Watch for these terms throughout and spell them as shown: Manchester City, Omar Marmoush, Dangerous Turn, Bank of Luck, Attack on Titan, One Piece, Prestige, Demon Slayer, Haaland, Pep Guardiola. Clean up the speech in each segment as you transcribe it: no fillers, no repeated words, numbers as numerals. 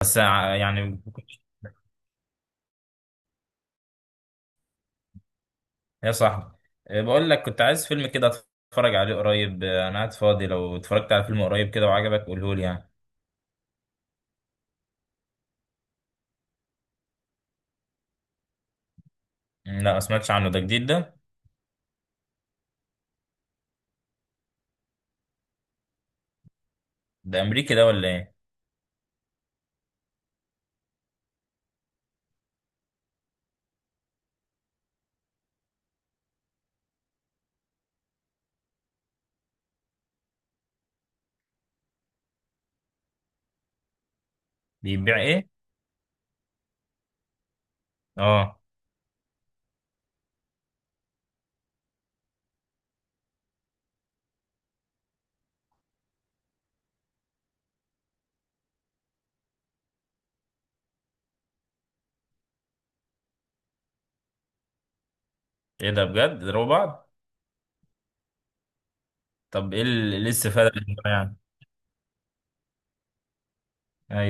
بس يعني يا صاحبي. بقول لك كنت عايز فيلم كده اتفرج عليه قريب، انا قاعد فاضي، لو اتفرجت على فيلم قريب كده وعجبك قوله لي يعني. مم، لا، ما سمعتش عنه. ده جديد ده؟ ده امريكي ده ولا ايه؟ بيبيع ايه؟ اه. ايه ده؟ بجد ضربوا بعض؟ طب ايه إيه الاستفادة من ده يعني؟ اي.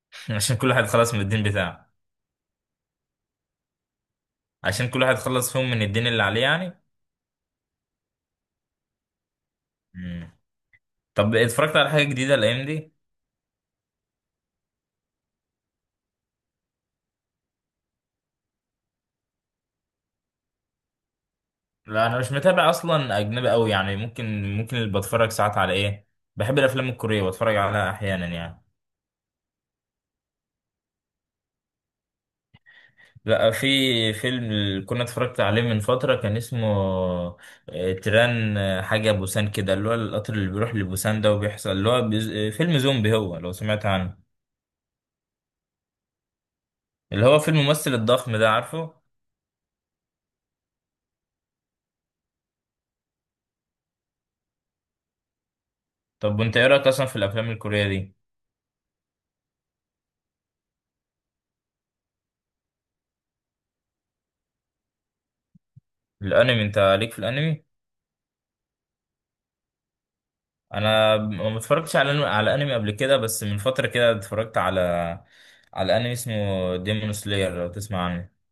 عشان كل واحد خلص من الدين بتاعه؟ عشان كل واحد خلص فيهم من الدين اللي عليه يعني. مم. طب اتفرجت على حاجة جديدة الايام دي؟ لا، انا مش متابع اصلا، اجنبي قوي يعني. ممكن اللي بتفرج ساعات على ايه، بحب الافلام الكوريه بتفرج عليها احيانا يعني. لا، في فيلم اللي كنا اتفرجت عليه من فتره كان اسمه تران، حاجه بوسان كده، اللي هو القطر اللي بيروح لبوسان ده وبيحصل اللي هو بيز... آه، فيلم زومبي هو، لو سمعت عنه. اللي هو فيلم الممثل الضخم ده، عارفه؟ طب وانت ايه رايك اصلا في الافلام الكوريه دي؟ الانمي، انت ليك في الانمي؟ انا ما اتفرجتش على انمي قبل كده، بس من فتره كده اتفرجت على على انمي اسمه ديمون سلاير، لو تسمع عنه.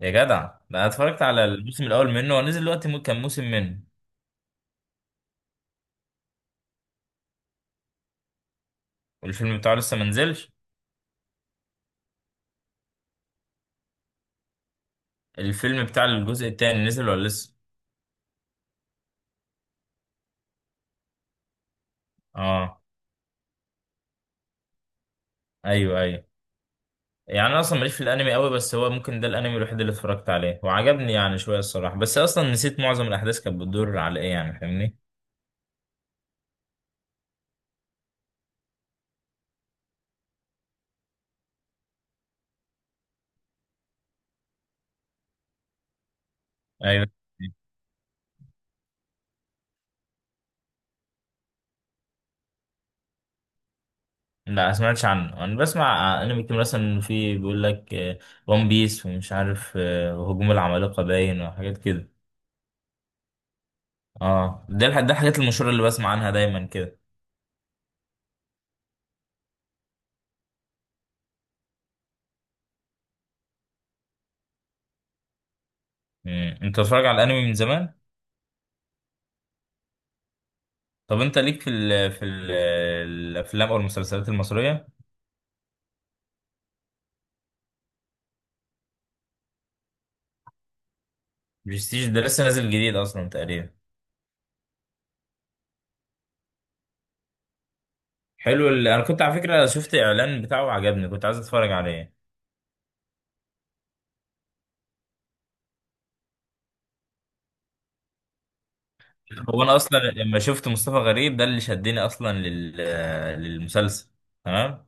يا جدع. ده انا اتفرجت على الموسم الاول منه، ونزل دلوقتي كان موسم منه. والفيلم بتاعه لسه ما نزلش؟ الفيلم بتاع الجزء التاني نزل ولا لسه؟ اه. ايوه ايوه. يعني انا اصلا ماليش في الانمي قوي، بس هو ممكن ده الانمي الوحيد اللي اتفرجت عليه وعجبني يعني شويه الصراحه، بس اصلا نسيت معظم الاحداث كانت بتدور على ايه يعني، فاهمني؟ ايوه. لا، ما سمعتش عنه. انا بسمع انمي كتير مثلا في، بيقول لك ون بيس ومش عارف هجوم العمالقة باين وحاجات كده. اه، ده الحاجات المشهورة اللي بسمع عنها دايما كده. مم. انت بتتفرج على الانمي من زمان؟ طب انت ليك في ال في ال الافلام او المسلسلات المصرية؟ برستيج ده لسه نازل جديد اصلا تقريبا. حلو انا كنت على فكرة شفت اعلان بتاعه وعجبني، كنت عايز اتفرج عليه. هو انا اصلا لما شفت مصطفى غريب ده اللي شدني اصلا للمسلسل. تمام.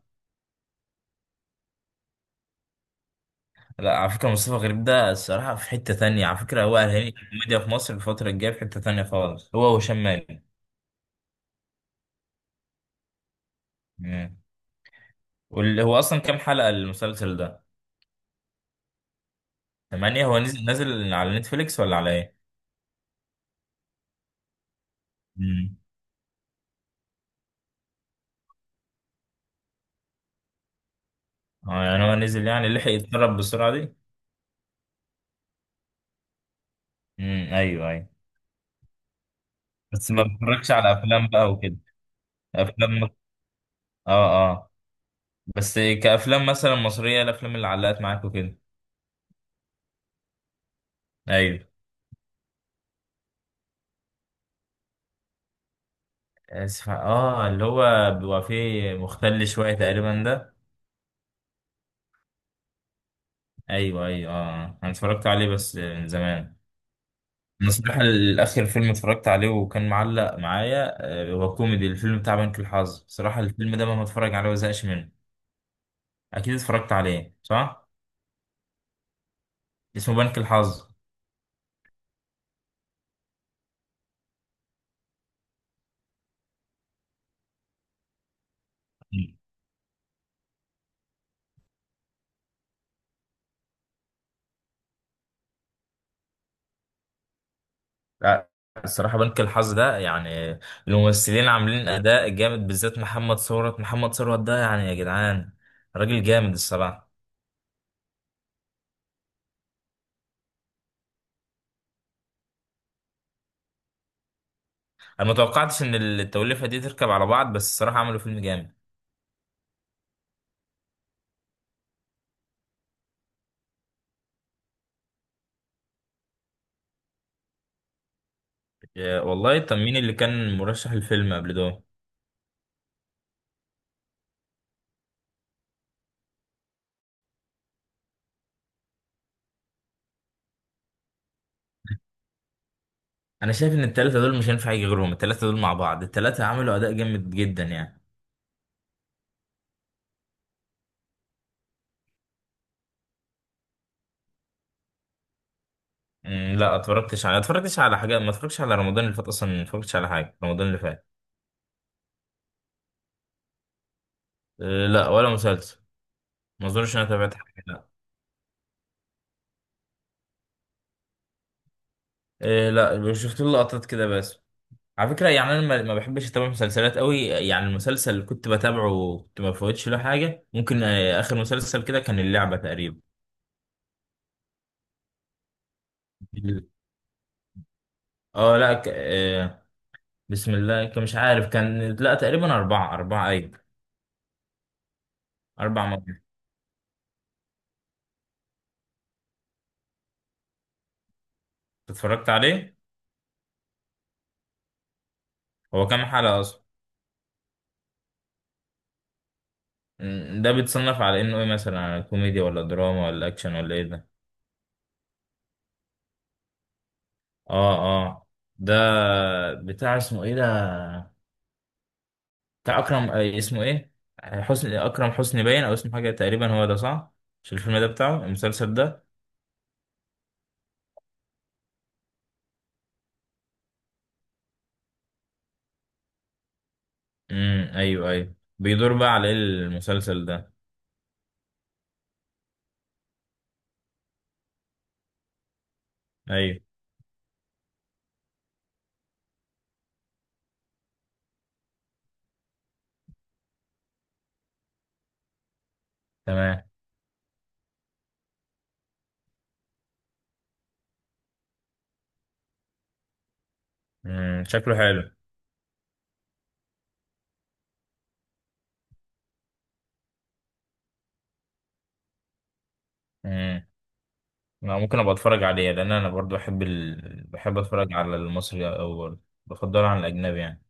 لا، على فكرة مصطفى غريب ده الصراحة في حتة تانية على فكرة، هو مم، الهيئة الكوميديا في مصر الفترة الجاية في حتة تانية خالص، هو وهشام مالك. مم. واللي هو أصلا كام حلقة المسلسل ده؟ تمانية. هو نزل نازل على نتفليكس ولا على إيه؟ مم. اه، يعني هو نزل يعني لحق يتدرب بالسرعة دي؟ مم. أيوه أيوه. بس ما بتفرجش على أفلام بقى وكده؟ أفلام. آه آه بس كأفلام مثلا مصرية، الأفلام اللي علقت معاك وكده؟ أيوه. آسف اللي هو بيبقى فيه مختل شوية تقريبا ده. ايوه ايوه. اه، انا اتفرجت عليه بس من زمان. انا الصراحه الاخر فيلم اتفرجت عليه وكان معلق معايا هو كوميدي، الفيلم بتاع بنك الحظ. صراحه الفيلم ده مهما اتفرج عليه ما زهقش منه. اكيد اتفرجت عليه صح؟ اسمه بنك الحظ. لا الصراحه بنك الحظ ده يعني الممثلين عاملين اداء جامد، بالذات محمد ثروت. محمد ثروت ده يعني يا جدعان راجل جامد الصراحه. انا ما توقعتش ان التوليفه دي تركب على بعض، بس الصراحه عملوا فيلم جامد. يا والله. طب مين اللي كان مرشح الفيلم قبل ده؟ انا شايف ان التلاتة دول مش هينفع يجي غيرهم، التلاتة دول مع بعض التلاتة عملوا اداء جامد جدا يعني. أمم، لا، اتفرجتش على حاجات، ما اتفرجتش على رمضان اللي فات اصلا، ما اتفرجتش على حاجه رمضان اللي فات. أه لا، ولا مسلسل. ما اظنش إن انا تابعت حاجه، لا. أه لا، شفت له لقطات كده بس. على فكره يعني انا ما بحبش اتابع مسلسلات قوي يعني. المسلسل اللي كنت بتابعه كنت ما بفوتش له حاجه. ممكن اخر مسلسل كده كان اللعبه تقريبا. اه لا ك... آه، بسم الله كان مش عارف، كان لا تقريبا أربعة أربعة أيوة. أربع مرات. اتفرجت عليه. هو كام حلقة أصلا؟ ده بيتصنف على إنه إيه، مثلا كوميديا ولا دراما ولا أكشن ولا إيه ده؟ آه. آه. ده بتاع اسمه إيه ده؟ بتاع أكرم اسمه إيه، حسني، أكرم حسني باين، أو اسمه حاجة تقريبا هو ده، صح؟ مش الفيلم ده بتاعه المسلسل ده. أيوه أيوه. بيدور بقى على إيه المسلسل ده؟ أيوه. تمام. شكله حلو. مم. انا ممكن ابقى اتفرج عليه لان انا برضو بحب اتفرج على المصري او بفضله عن الاجنبي يعني.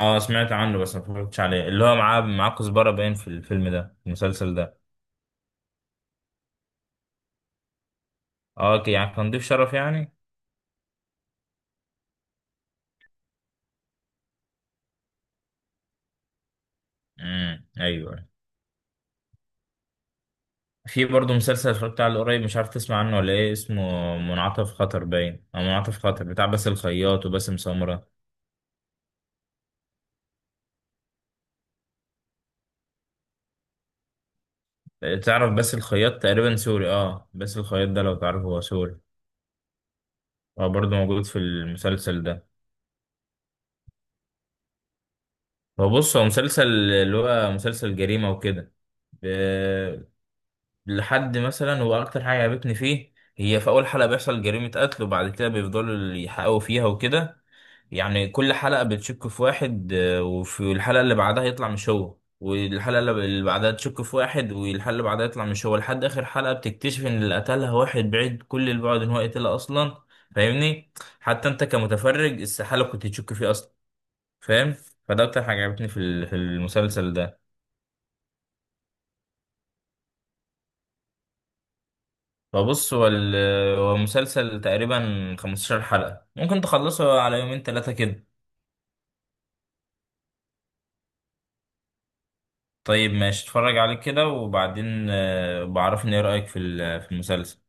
اه سمعت عنه بس ما اتفرجتش عليه. اللي هو معاه كزبره باين في الفيلم ده في المسلسل ده. اه اوكي، يعني كان ضيف شرف يعني. ايوه. في برضو مسلسل اتفرجت عليه قريب، مش عارف تسمع عنه ولا ايه، اسمه منعطف خطر باين او منعطف خطر بتاع باسل الخياط وباسم سمرة. تعرف باسل الخياط تقريبا سوري. اه باسل الخياط ده لو تعرفه هو سوري. هو برضو موجود في المسلسل ده. هو بص هو مسلسل، اللي هو مسلسل جريمة وكده. ب... لحد مثلا هو أكتر حاجة عجبتني فيه هي في أول حلقة بيحصل جريمة قتل، وبعد كده بيفضلوا يحققوا فيها وكده. يعني كل حلقة بتشك في واحد وفي الحلقة اللي بعدها يطلع مش هو، والحلقة اللي بعدها تشك في واحد، والحلقة اللي بعدها يطلع مش هو، لحد آخر حلقة بتكتشف إن اللي قتلها واحد بعيد كل البعد إن هو قتلها أصلا. فاهمني؟ حتى أنت كمتفرج استحالة كنت تشك فيه. فاهم. فده اكتر حاجه عجبتني في المسلسل ده. فبص هو مسلسل تقريبا 15 حلقه، ممكن تخلصه على يومين ثلاثه كده. طيب ماشي اتفرج عليه كده وبعدين، بعرفني ايه رايك في المسلسل